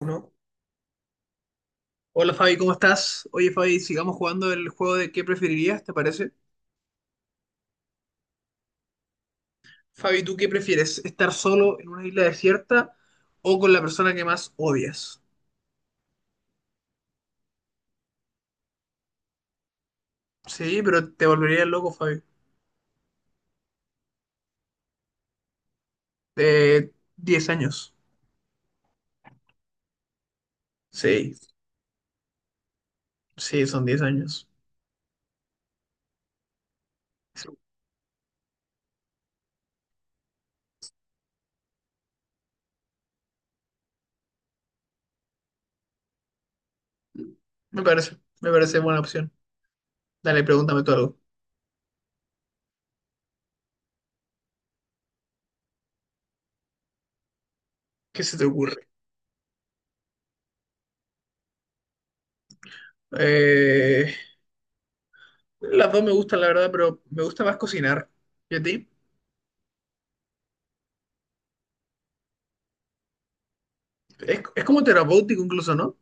Uno. Hola Fabi, ¿cómo estás? Oye Fabi, sigamos jugando el juego de qué preferirías, ¿te parece? Fabi, ¿tú qué prefieres? ¿Estar solo en una isla desierta o con la persona que más odias? Sí, pero te volverías loco, Fabi. De 10 años. Sí, sí, son 10 años. Sí. Me parece buena opción. Dale, pregúntame tú algo. ¿Qué se te ocurre? Eh, las dos me gustan, la verdad, pero me gusta más cocinar. ¿Y a ti? Es como terapéutico incluso, ¿no?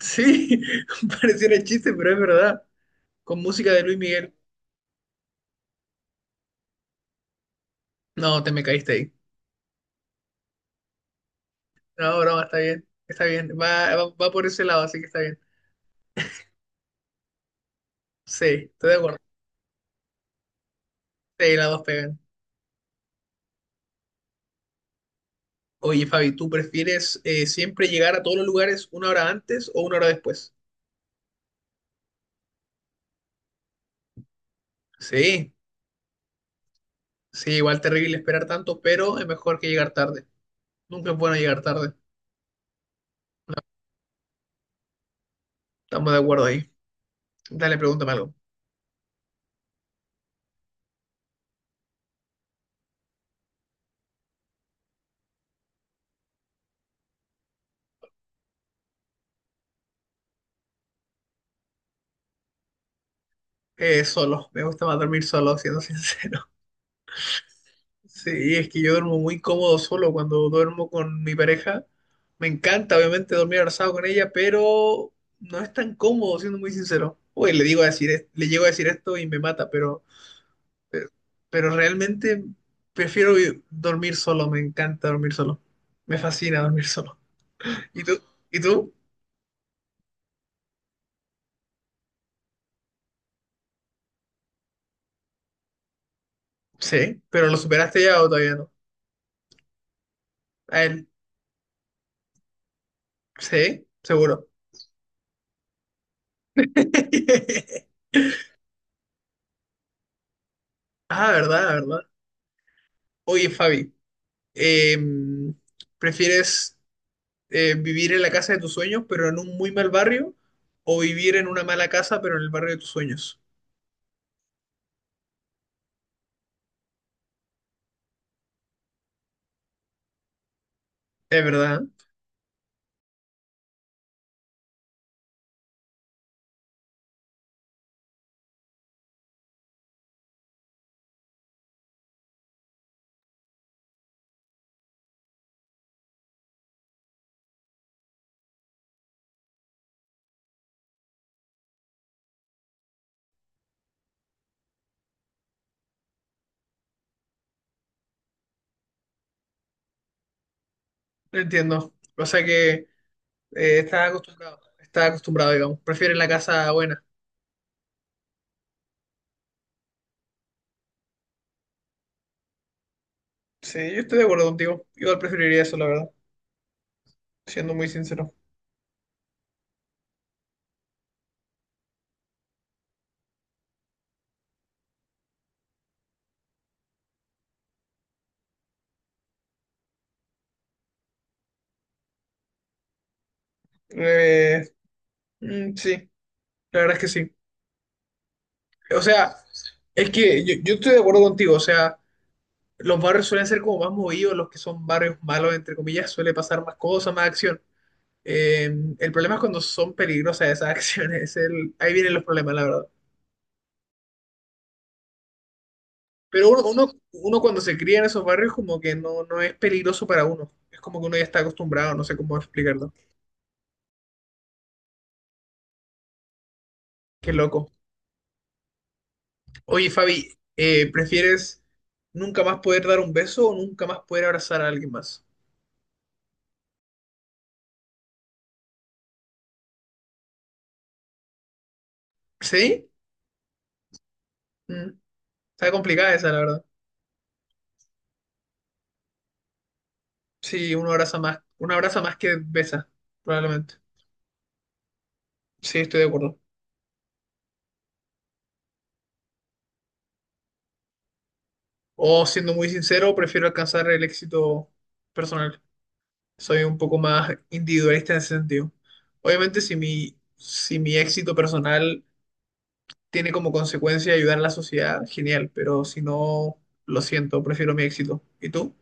Sí, pareciera chiste, pero es verdad. Con música de Luis Miguel. No, te me caíste ahí. No, no, está bien. Está bien. Va por ese lado, así que está bien. Sí, estoy de acuerdo. Sí, las dos pegan. Oye, Fabi, ¿tú prefieres siempre llegar a todos los lugares 1 hora antes o 1 hora después? Sí, sí, igual terrible esperar tanto, pero es mejor que llegar tarde. Nunca es bueno llegar tarde. Estamos de acuerdo ahí. Dale, pregúntame algo. Solo, me gusta más dormir solo, siendo sincero. Sí, es que yo duermo muy cómodo solo cuando duermo con mi pareja. Me encanta, obviamente, dormir abrazado con ella, pero no es tan cómodo, siendo muy sincero. Uy, le digo a decir, le llego a decir esto y me mata, pero, pe- pero realmente prefiero dormir solo, me encanta dormir solo. Me fascina dormir solo. ¿Y tú? ¿Y tú? Sí, pero ¿lo superaste ya o todavía no? A él, sí, seguro. Ah, verdad, verdad. Oye, Fabi, em, ¿prefieres vivir en la casa de tus sueños, pero en un muy mal barrio, o vivir en una mala casa, pero en el barrio de tus sueños? Es verdad, ¿eh? Entiendo. O sea que estás acostumbrado, digamos. Prefieres la casa buena. Sí, yo estoy de acuerdo contigo. Igual preferiría eso, la verdad, siendo muy sincero. Eh, sí, la verdad es que sí. O sea, es que yo estoy de acuerdo contigo, o sea, los barrios suelen ser como más movidos, los que son barrios malos, entre comillas, suele pasar más cosas, más acción. Eh, el problema es cuando son peligrosas esas acciones. Ahí vienen los problemas, la verdad. Pero uno cuando se cría en esos barrios como que no, no es peligroso para uno. Es como que uno ya está acostumbrado, no sé cómo explicarlo. Qué loco. Oye, Fabi, ¿prefieres nunca más poder dar un beso o nunca más poder abrazar a alguien más? ¿Sí? Mm, está complicada esa, la verdad. Sí, uno abraza más que besa, probablemente. Sí, estoy de acuerdo. O siendo muy sincero, prefiero alcanzar el éxito personal. Soy un poco más individualista en ese sentido. Obviamente, si mi éxito personal tiene como consecuencia ayudar a la sociedad, genial, pero si no, lo siento, prefiero mi éxito. ¿Y tú?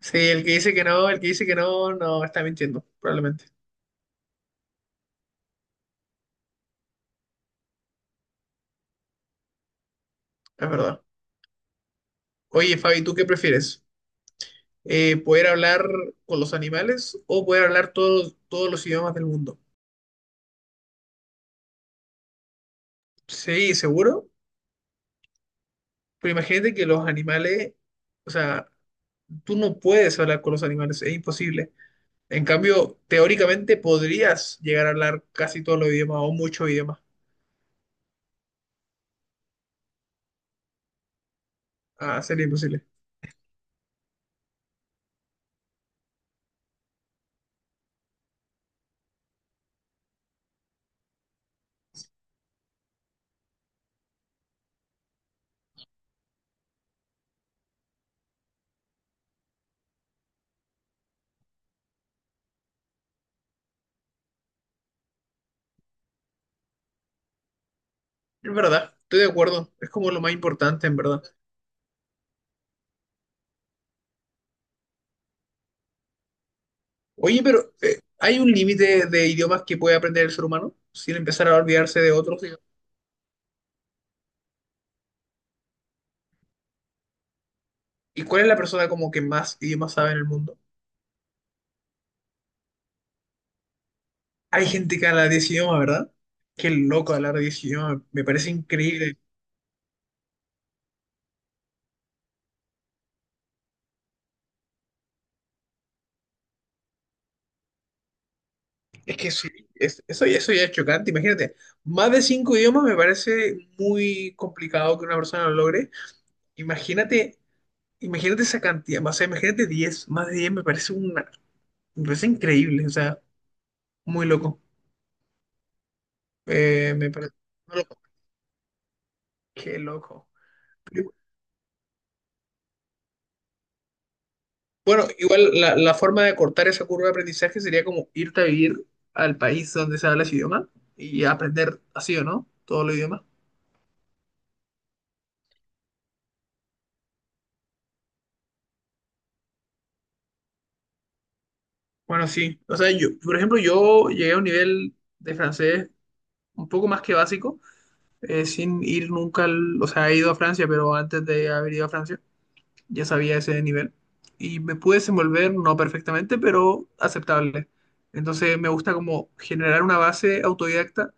Sí, el que dice que no, el que dice que no, no, está mintiendo, probablemente. Es verdad. Oye, Fabi, ¿tú qué prefieres? ¿Poder hablar con los animales o poder hablar todos los idiomas del mundo? Sí, seguro. Pero imagínate que los animales, o sea, tú no puedes hablar con los animales, es imposible. En cambio, teóricamente podrías llegar a hablar casi todos los idiomas o muchos idiomas. Ah, sería imposible. Es verdad, estoy de acuerdo. Es como lo más importante, en verdad. Oye, pero ¿hay un límite de idiomas que puede aprender el ser humano sin empezar a olvidarse de otros, digamos? ¿Y cuál es la persona como que más idiomas sabe en el mundo? Hay gente que habla 10 idiomas, ¿verdad? Qué loco hablar 10 idiomas. Me parece increíble. Es que sí, eso ya es chocante. Imagínate, más de 5 idiomas me parece muy complicado que una persona lo logre. Imagínate, imagínate esa cantidad, o sea, imagínate 10, más de diez me parece me parece increíble, o sea, muy loco. Me parece, no lo- Qué loco. Bueno, igual la forma de cortar esa curva de aprendizaje sería como irte a vivir al país donde se habla ese idioma y aprender así o no, todo el idioma. Bueno, sí, o sea, yo, por ejemplo, yo llegué a un nivel de francés un poco más que básico, sin ir nunca, o sea, he ido a Francia, pero antes de haber ido a Francia ya sabía ese nivel y me pude desenvolver, no perfectamente, pero aceptable. Entonces me gusta como generar una base autodidacta,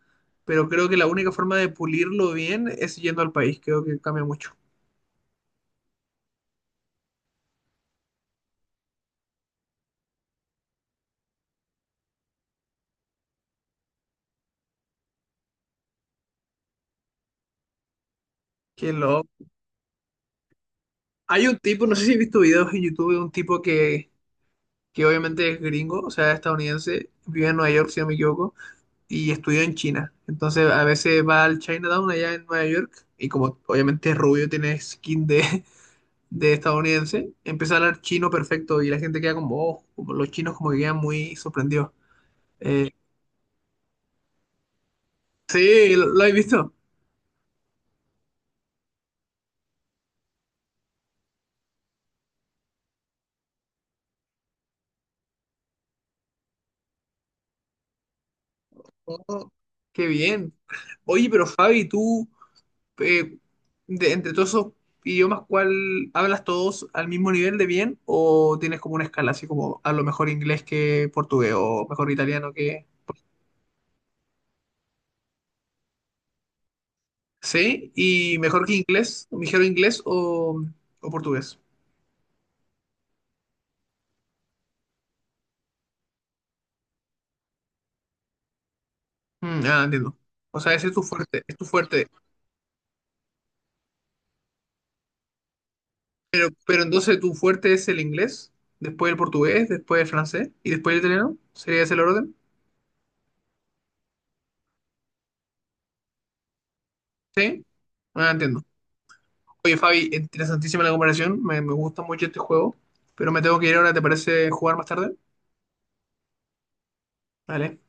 pero creo que la única forma de pulirlo bien es yendo al país, creo que cambia mucho. Que lo... Hay un tipo, no sé si has visto videos en YouTube de un tipo que obviamente es gringo, o sea, estadounidense, vive en Nueva York, si no me equivoco, y estudió en China. Entonces a veces va al Chinatown allá en Nueva York y como obviamente es rubio, tiene skin de estadounidense, empieza a hablar chino perfecto y la gente queda como, oh, como los chinos como que quedan muy sorprendidos. Eh, sí, lo he visto. Oh, qué bien. Oye, pero Fabi, tú, eh, de, entre todos esos idiomas, ¿cuál hablas todos al mismo nivel de bien o tienes como una escala así como a lo mejor inglés que portugués o mejor italiano que...? Sí, y mejor que inglés, mejor inglés o portugués. Mm, ah, entiendo. O sea, ese es tu fuerte, es tu fuerte. Pero entonces tu fuerte es el inglés, después el portugués, después el francés y después el italiano. ¿Sería ese el orden? Sí. Ah, entiendo. Oye, Fabi, interesantísima la comparación. Me gusta mucho este juego. Pero me tengo que ir ahora, ¿te parece jugar más tarde? Vale.